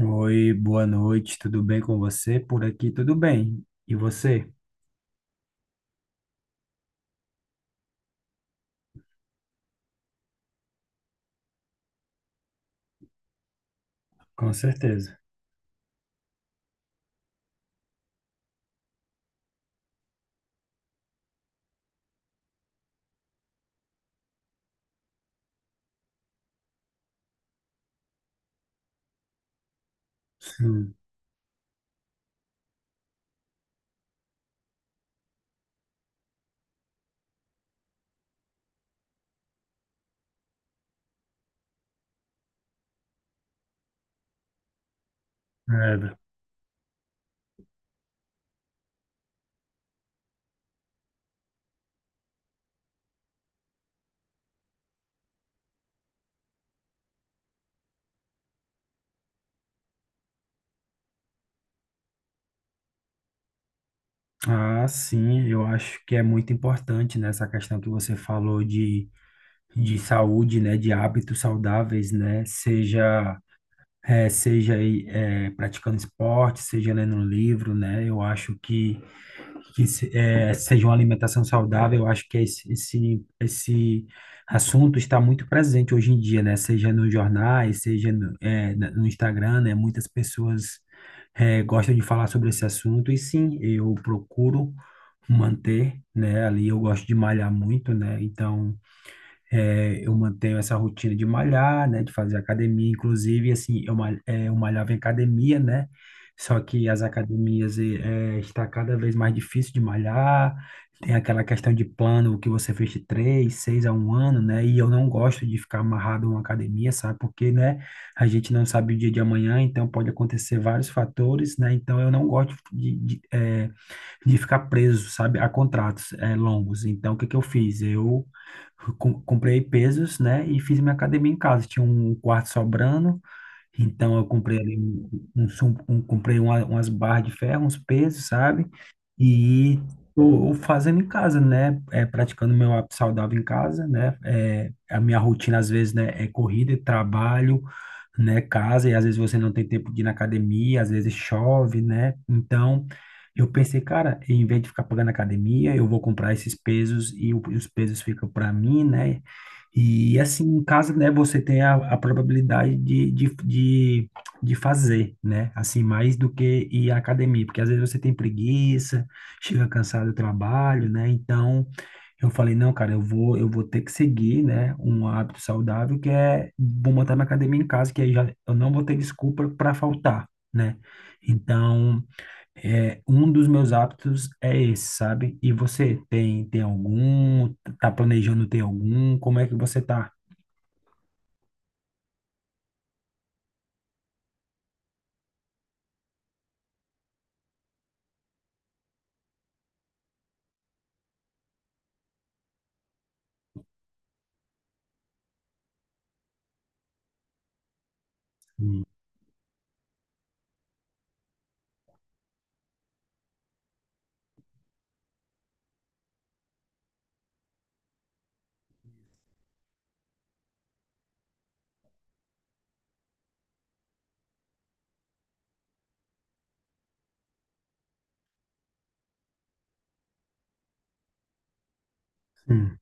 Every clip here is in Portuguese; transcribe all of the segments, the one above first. Oi, boa noite, tudo bem com você? Por aqui tudo bem. E você? Com certeza. Sim. É. Ah, sim, eu acho que é muito importante nessa questão que você falou de saúde, né, de hábitos saudáveis, né, seja aí, praticando esporte, seja lendo um livro, né, eu acho que seja uma alimentação saudável, eu acho que esse assunto está muito presente hoje em dia, né? Seja nos jornais, seja no Instagram, né? Muitas pessoas gostam de falar sobre esse assunto, e sim, eu procuro manter, né? Ali eu gosto de malhar muito, né? Então, eu mantenho essa rotina de malhar, né, de fazer academia, inclusive, assim, eu malhava em academia, né, só que as academias está cada vez mais difícil de malhar, tem aquela questão de plano que você fez de três, seis a um ano, né, e eu não gosto de ficar amarrado a uma academia, sabe, porque, né, a gente não sabe o dia de amanhã, então pode acontecer vários fatores, né, então eu não gosto de ficar preso, sabe, a contratos longos. Então, o que que eu fiz? Eu comprei pesos, né, e fiz minha academia em casa. Tinha um quarto sobrando, então eu comprei ali umas barras de ferro, uns pesos, sabe? E tô fazendo em casa, né? É, praticando meu hábito saudável em casa, né? É, a minha rotina, às vezes, né, é corrida, é trabalho, né? Casa, e às vezes você não tem tempo de ir na academia, às vezes chove, né? Então, eu pensei, cara, em vez de ficar pagando academia, eu vou comprar esses pesos e os pesos ficam para mim, né? E assim, em casa, né, você tem a probabilidade de fazer, né? Assim, mais do que ir à academia, porque às vezes você tem preguiça, chega cansado do trabalho, né? Então, eu falei, não, cara, eu vou ter que seguir, né, um hábito saudável que é vou montar minha academia em casa, que aí já, eu não vou ter desculpa para faltar, né? Então, um dos meus hábitos é esse, sabe? E você tem algum? Tá planejando ter algum? Como é que você tá? Sim, sim.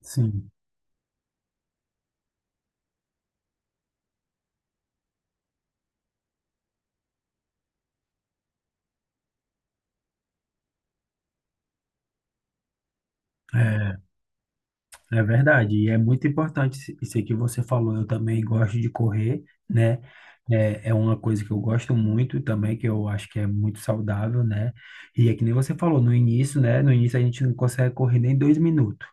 Sim. É. É verdade, e é muito importante isso que você falou. Eu também gosto de correr, né? É, é uma coisa que eu gosto muito também, que eu acho que é muito saudável, né? E é que nem você falou no início, né? No início a gente não consegue correr nem 2 minutos.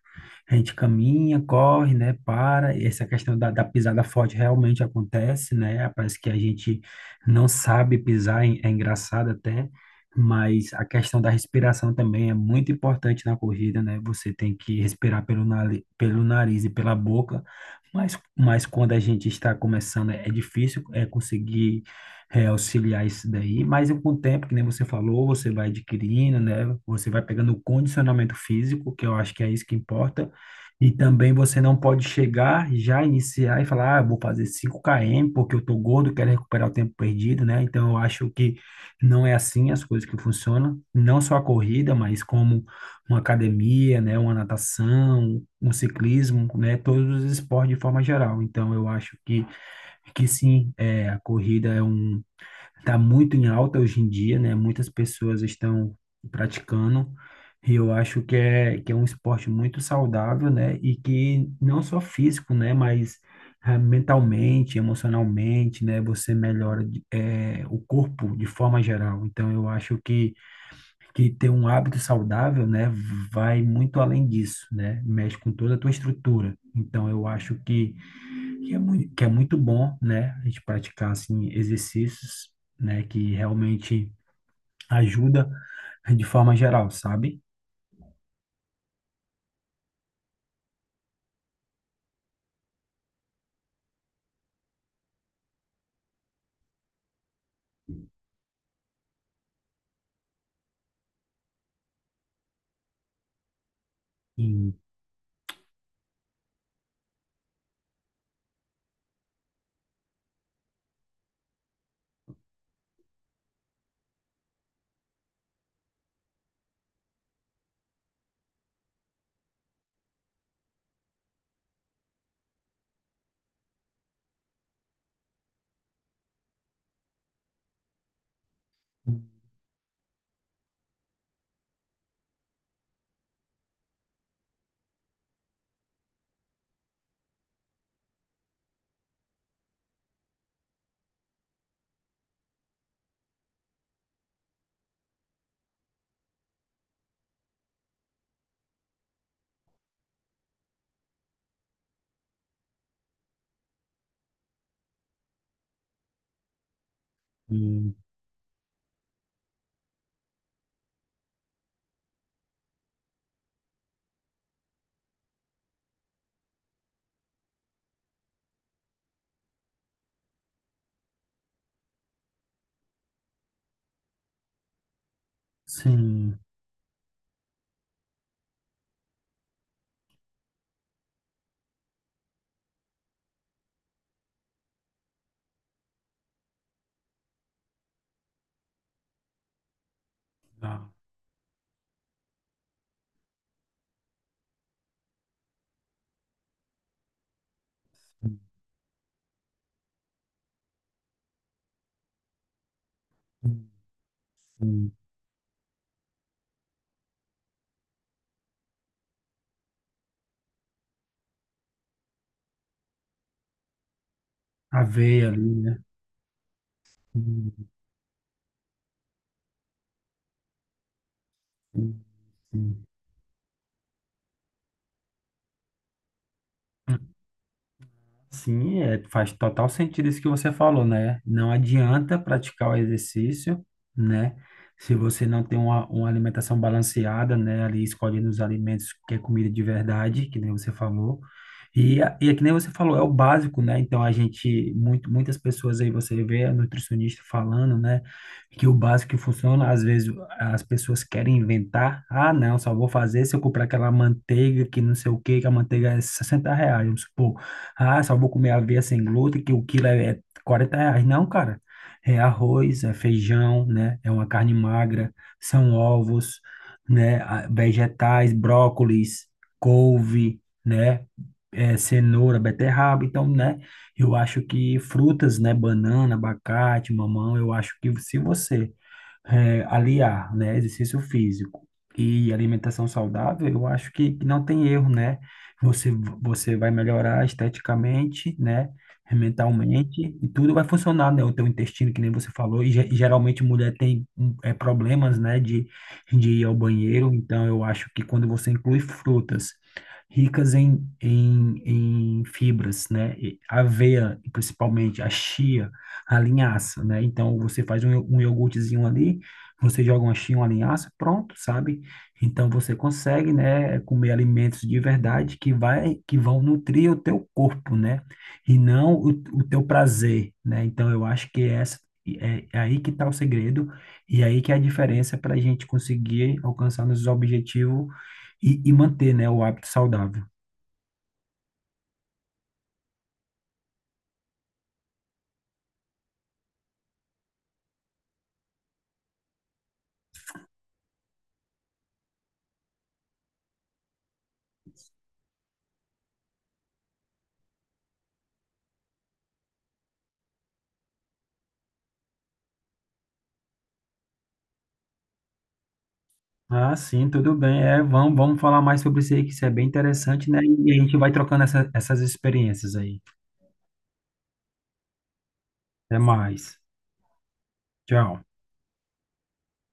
A gente caminha, corre, né? Para. E essa questão da pisada forte realmente acontece, né? Parece que a gente não sabe pisar, é engraçado até. Mas a questão da respiração também é muito importante na corrida, né? Você tem que respirar pelo nariz e pela boca, mas quando a gente está começando é difícil é conseguir auxiliar isso daí, mas com o tempo, que nem você falou, você vai adquirindo, né? Você vai pegando o condicionamento físico, que eu acho que é isso que importa, e também você não pode chegar, já iniciar e falar, ah, eu vou fazer 5 km porque eu tô gordo, quero recuperar o tempo perdido, né? Então eu acho que não é assim as coisas que funcionam, não só a corrida, mas como uma academia, né, uma natação, um ciclismo, né, todos os esportes de forma geral. Então, eu acho que sim, é, a corrida é um. Está muito em alta hoje em dia, né? Muitas pessoas estão praticando. E eu acho que que é um esporte muito saudável, né? E que não só físico, né? Mas mentalmente, emocionalmente, né? Você melhora o corpo de forma geral. Então, eu acho que ter um hábito saudável, né? Vai muito além disso, né? Mexe com toda a tua estrutura. Então, eu acho que é muito bom, né? A gente praticar assim exercícios, né, que realmente ajuda de forma geral, sabe? E, e sim, a, sim, a veia ali, né? Sim, sim. Sim, faz total sentido isso que você falou, né? Não adianta praticar o exercício, né? Se você não tem uma alimentação balanceada, né? Ali escolhendo os alimentos que é comida de verdade, que nem você falou. E é que nem você falou, é o básico, né? Então muitas pessoas aí você vê a nutricionista falando, né? Que o básico que funciona, às vezes as pessoas querem inventar. Ah, não, só vou fazer se eu comprar aquela manteiga que não sei o quê, que a manteiga é R$ 60, vamos supor. Ah, só vou comer aveia sem glúten, que o quilo é R$ 40. Não, cara. É arroz, é feijão, né? É uma carne magra, são ovos, né? Ah, vegetais, brócolis, couve, né? É, cenoura, beterraba. Então, né? Eu acho que frutas, né? Banana, abacate, mamão. Eu acho que se você aliar, né, exercício físico e alimentação saudável, eu acho que não tem erro, né? Você, você vai melhorar esteticamente, né? Mentalmente, e tudo vai funcionar, né? O teu intestino, que nem você falou, e, geralmente mulher tem problemas, né, de ir ao banheiro, então eu acho que quando você inclui frutas ricas em fibras, né? E aveia, e principalmente a chia, a linhaça, né? Então, você faz um iogurtezinho ali, você joga uma chia, uma linhaça, pronto, sabe? Então, você consegue, né, comer alimentos de verdade que vão nutrir o teu corpo, né? E não o teu prazer, né? Então, eu acho que é essa. É aí que está o segredo e aí que é a diferença para a gente conseguir alcançar nossos objetivos e, manter, né, o hábito saudável. Ah, sim, tudo bem. É, vamos falar mais sobre isso aí, que isso é bem interessante, né? E a gente vai trocando essas experiências aí. Até mais. Tchau.